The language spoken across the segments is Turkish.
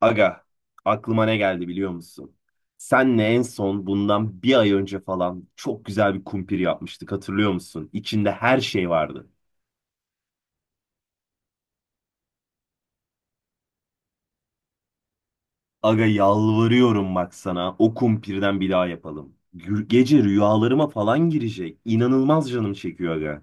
Aga, aklıma ne geldi biliyor musun? Senle en son bundan bir ay önce falan çok güzel bir kumpir yapmıştık hatırlıyor musun? İçinde her şey vardı. Aga yalvarıyorum bak sana o kumpirden bir daha yapalım. Gece rüyalarıma falan girecek. İnanılmaz canım çekiyor aga.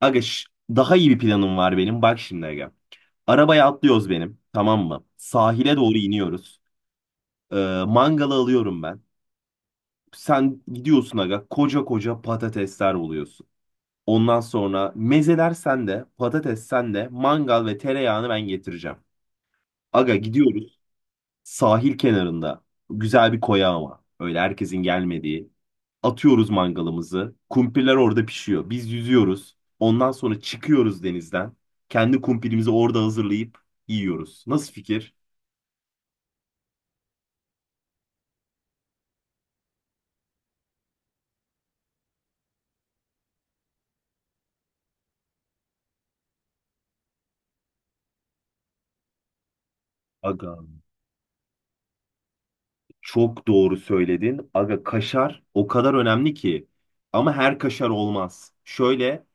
Aga şş, daha iyi bir planım var benim bak şimdi aga. Arabaya atlıyoruz benim, tamam mı? Sahile doğru iniyoruz. Mangalı alıyorum ben. Sen gidiyorsun aga, koca koca patatesler oluyorsun. Ondan sonra mezeler sende, patates sende, mangal ve tereyağını ben getireceğim. Aga gidiyoruz sahil kenarında. Güzel bir koya ama. Öyle herkesin gelmediği. Atıyoruz mangalımızı. Kumpirler orada pişiyor. Biz yüzüyoruz. Ondan sonra çıkıyoruz denizden. Kendi kumpirimizi orada hazırlayıp yiyoruz. Nasıl fikir? Aga. Çok doğru söyledin. Aga kaşar o kadar önemli ki. Ama her kaşar olmaz. Şöyle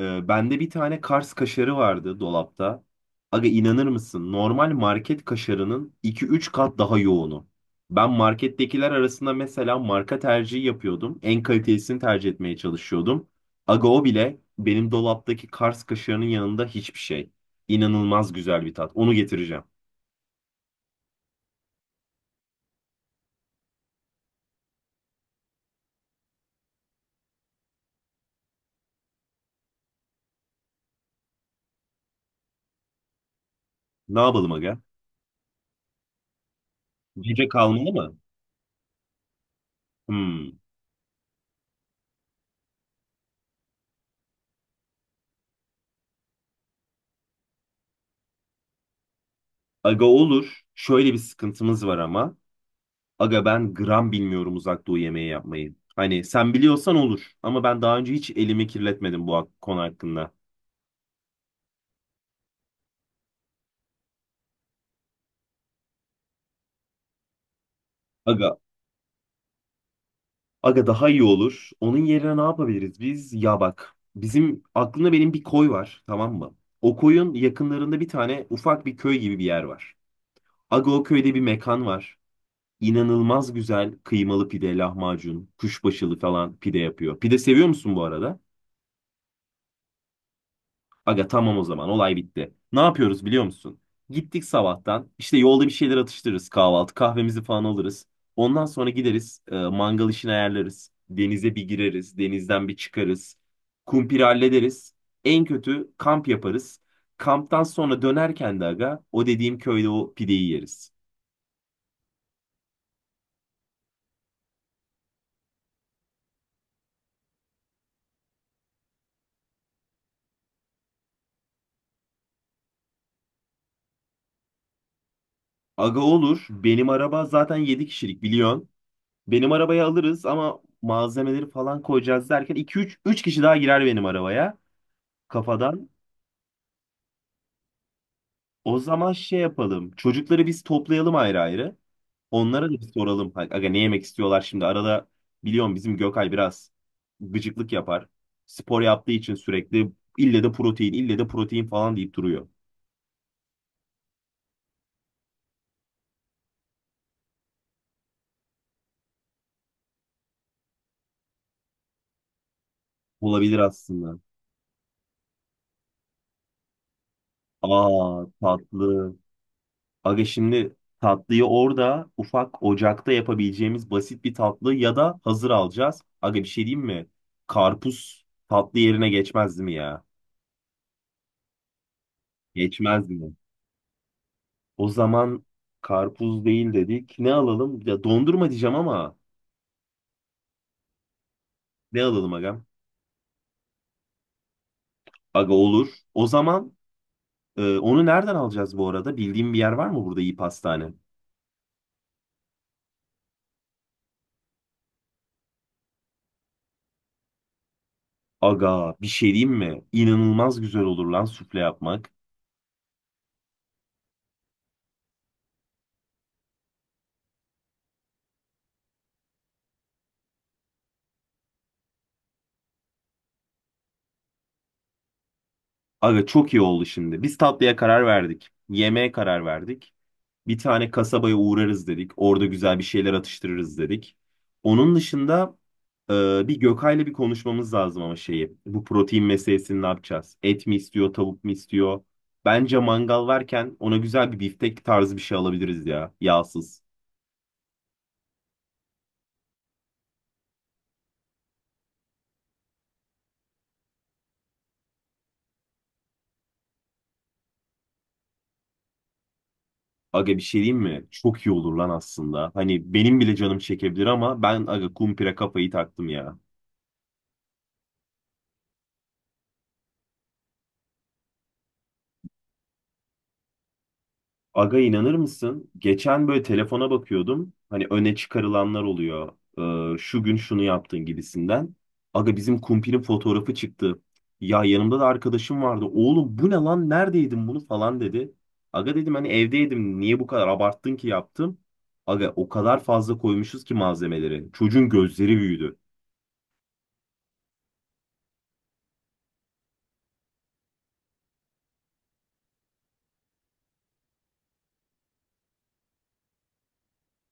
bende bir tane Kars kaşarı vardı dolapta. Aga inanır mısın? Normal market kaşarının iki üç kat daha yoğunu. Ben markettekiler arasında mesela marka tercihi yapıyordum. En kalitesini tercih etmeye çalışıyordum. Aga o bile benim dolaptaki Kars kaşarının yanında hiçbir şey. İnanılmaz güzel bir tat. Onu getireceğim. Ne yapalım aga? Gece kalmalı mı? Hmm. Aga olur. Şöyle bir sıkıntımız var ama. Aga ben gram bilmiyorum uzak doğu yemeği yapmayı. Hani sen biliyorsan olur. Ama ben daha önce hiç elimi kirletmedim bu konu hakkında. Aga, aga daha iyi olur. Onun yerine ne yapabiliriz biz? Ya bak, bizim aklımda benim bir koy var, tamam mı? O koyun yakınlarında bir tane ufak bir köy gibi bir yer var. Aga o köyde bir mekan var. İnanılmaz güzel kıymalı pide, lahmacun, kuşbaşılı falan pide yapıyor. Pide seviyor musun bu arada? Aga tamam, o zaman olay bitti. Ne yapıyoruz biliyor musun? Gittik sabahtan, işte yolda bir şeyler atıştırırız, kahvaltı kahvemizi falan alırız. Ondan sonra gideriz mangal işini ayarlarız. Denize bir gireriz, denizden bir çıkarız. Kumpiri hallederiz. En kötü kamp yaparız. Kamptan sonra dönerken de aga o dediğim köyde o pideyi yeriz. Aga olur, benim araba zaten 7 kişilik biliyorsun. Benim arabayı alırız ama malzemeleri falan koyacağız derken iki üç kişi daha girer benim arabaya kafadan. O zaman şey yapalım. Çocukları biz toplayalım ayrı ayrı. Onlara da bir soralım. Hani, aga ne yemek istiyorlar şimdi? Arada biliyorum bizim Gökay biraz gıcıklık yapar. Spor yaptığı için sürekli ille de protein, ille de protein falan deyip duruyor. Olabilir aslında. Aa, tatlı. Aga şimdi tatlıyı orada ufak ocakta yapabileceğimiz basit bir tatlı ya da hazır alacağız. Aga bir şey diyeyim mi? Karpuz tatlı yerine geçmez mi ya? Geçmez mi? O zaman karpuz değil dedik. Ne alalım? Ya dondurma diyeceğim ama ne alalım agam? Aga olur. O zaman onu nereden alacağız bu arada? Bildiğim bir yer var mı burada iyi pastane? Aga bir şey diyeyim mi? İnanılmaz güzel olur lan sufle yapmak. Aga çok iyi oldu şimdi. Biz tatlıya karar verdik. Yemeğe karar verdik. Bir tane kasabaya uğrarız dedik. Orada güzel bir şeyler atıştırırız dedik. Onun dışında bir Gökay'la bir konuşmamız lazım ama şeyi. Bu protein meselesini ne yapacağız? Et mi istiyor, tavuk mu istiyor? Bence mangal varken ona güzel bir biftek tarzı bir şey alabiliriz ya. Yağsız. Aga bir şey diyeyim mi? Çok iyi olur lan aslında. Hani benim bile canım çekebilir ama ben aga kumpire kafayı taktım ya. Aga inanır mısın? Geçen böyle telefona bakıyordum. Hani öne çıkarılanlar oluyor. Şu gün şunu yaptın gibisinden. Aga bizim kumpinin fotoğrafı çıktı. Ya yanımda da arkadaşım vardı. Oğlum bu ne lan? Neredeydin bunu falan dedi. Aga dedim hani evdeydim. Niye bu kadar abarttın ki yaptım? Aga o kadar fazla koymuşuz ki malzemeleri. Çocuğun gözleri büyüdü.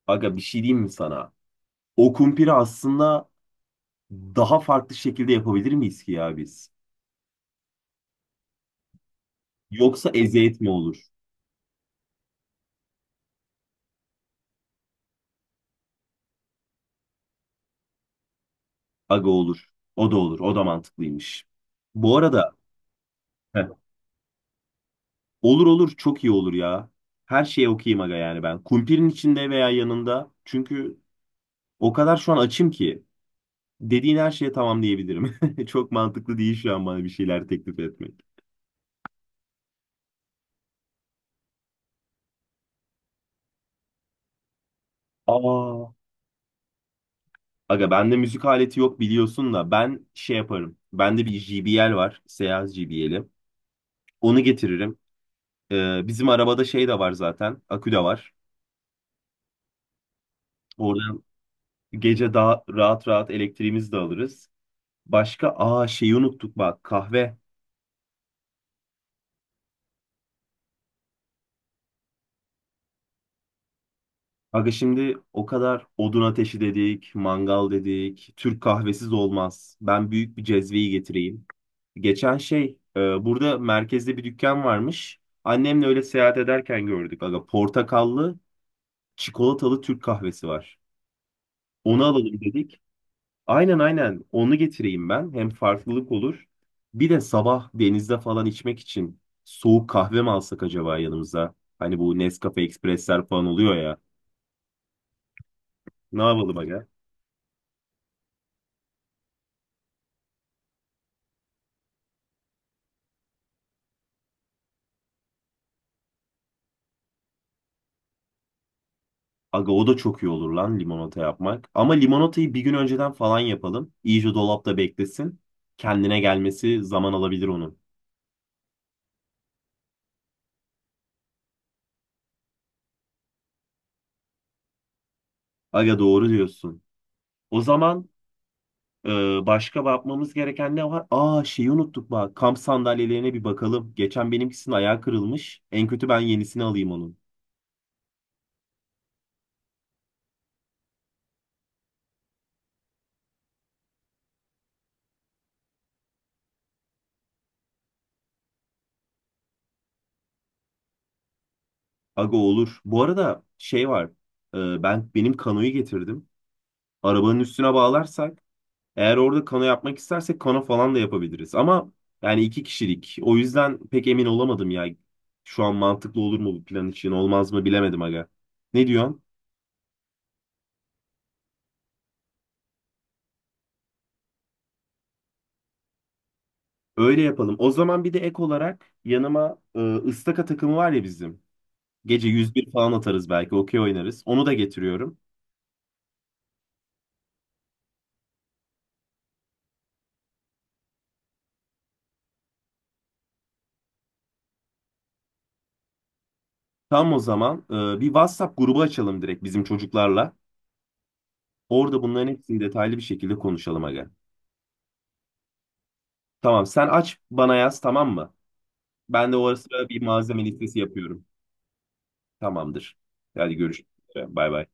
Aga bir şey diyeyim mi sana? O kumpiri aslında daha farklı şekilde yapabilir miyiz ki ya biz? Yoksa eziyet mi olur? Aga olur. O da olur. O da mantıklıymış. Bu arada heh, olur olur, çok iyi olur ya. Her şeye okuyayım aga yani ben. Kumpirin içinde veya yanında. Çünkü o kadar şu an açım ki dediğin her şeye tamam diyebilirim. Çok mantıklı değil şu an bana bir şeyler teklif etmek. Aa. Aga bende müzik aleti yok biliyorsun da ben şey yaparım. Bende bir JBL var. Seyaz JBL'i. Onu getiririm. Bizim arabada şey de var zaten. Akü de var. Oradan gece daha rahat rahat elektriğimizi de alırız. Başka aa şeyi unuttuk bak, kahve. Aga şimdi o kadar odun ateşi dedik, mangal dedik. Türk kahvesiz olmaz. Ben büyük bir cezveyi getireyim. Geçen şey burada merkezde bir dükkan varmış. Annemle öyle seyahat ederken gördük. Aga portakallı, çikolatalı Türk kahvesi var. Onu alalım dedik. Aynen aynen onu getireyim ben. Hem farklılık olur. Bir de sabah denizde falan içmek için soğuk kahve mi alsak acaba yanımıza? Hani bu Nescafe Express'ler falan oluyor ya. Ne yapalım aga? Aga o da çok iyi olur lan limonata yapmak. Ama limonatayı bir gün önceden falan yapalım. İyice dolapta beklesin. Kendine gelmesi zaman alabilir onun. Aga doğru diyorsun. O zaman başka bakmamız gereken ne var? Aa, şeyi unuttuk bak. Kamp sandalyelerine bir bakalım. Geçen benimkisinin ayağı kırılmış. En kötü ben yenisini alayım onun. Aga olur. Bu arada şey var. Benim kanoyu getirdim. Arabanın üstüne bağlarsak eğer orada kano yapmak istersek kano falan da yapabiliriz. Ama yani iki kişilik. O yüzden pek emin olamadım ya. Şu an mantıklı olur mu bu plan için olmaz mı bilemedim aga. Ne diyorsun? Öyle yapalım. O zaman bir de ek olarak yanıma ıstaka takımı var ya bizim. Gece 101 falan atarız belki. Okey oynarız. Onu da getiriyorum. Tam o zaman bir WhatsApp grubu açalım direkt bizim çocuklarla. Orada bunların hepsini detaylı bir şekilde konuşalım aga. Tamam sen aç bana yaz tamam mı? Ben de o ara sıra bir malzeme listesi yapıyorum. Tamamdır. Hadi görüşürüz. Bay bay.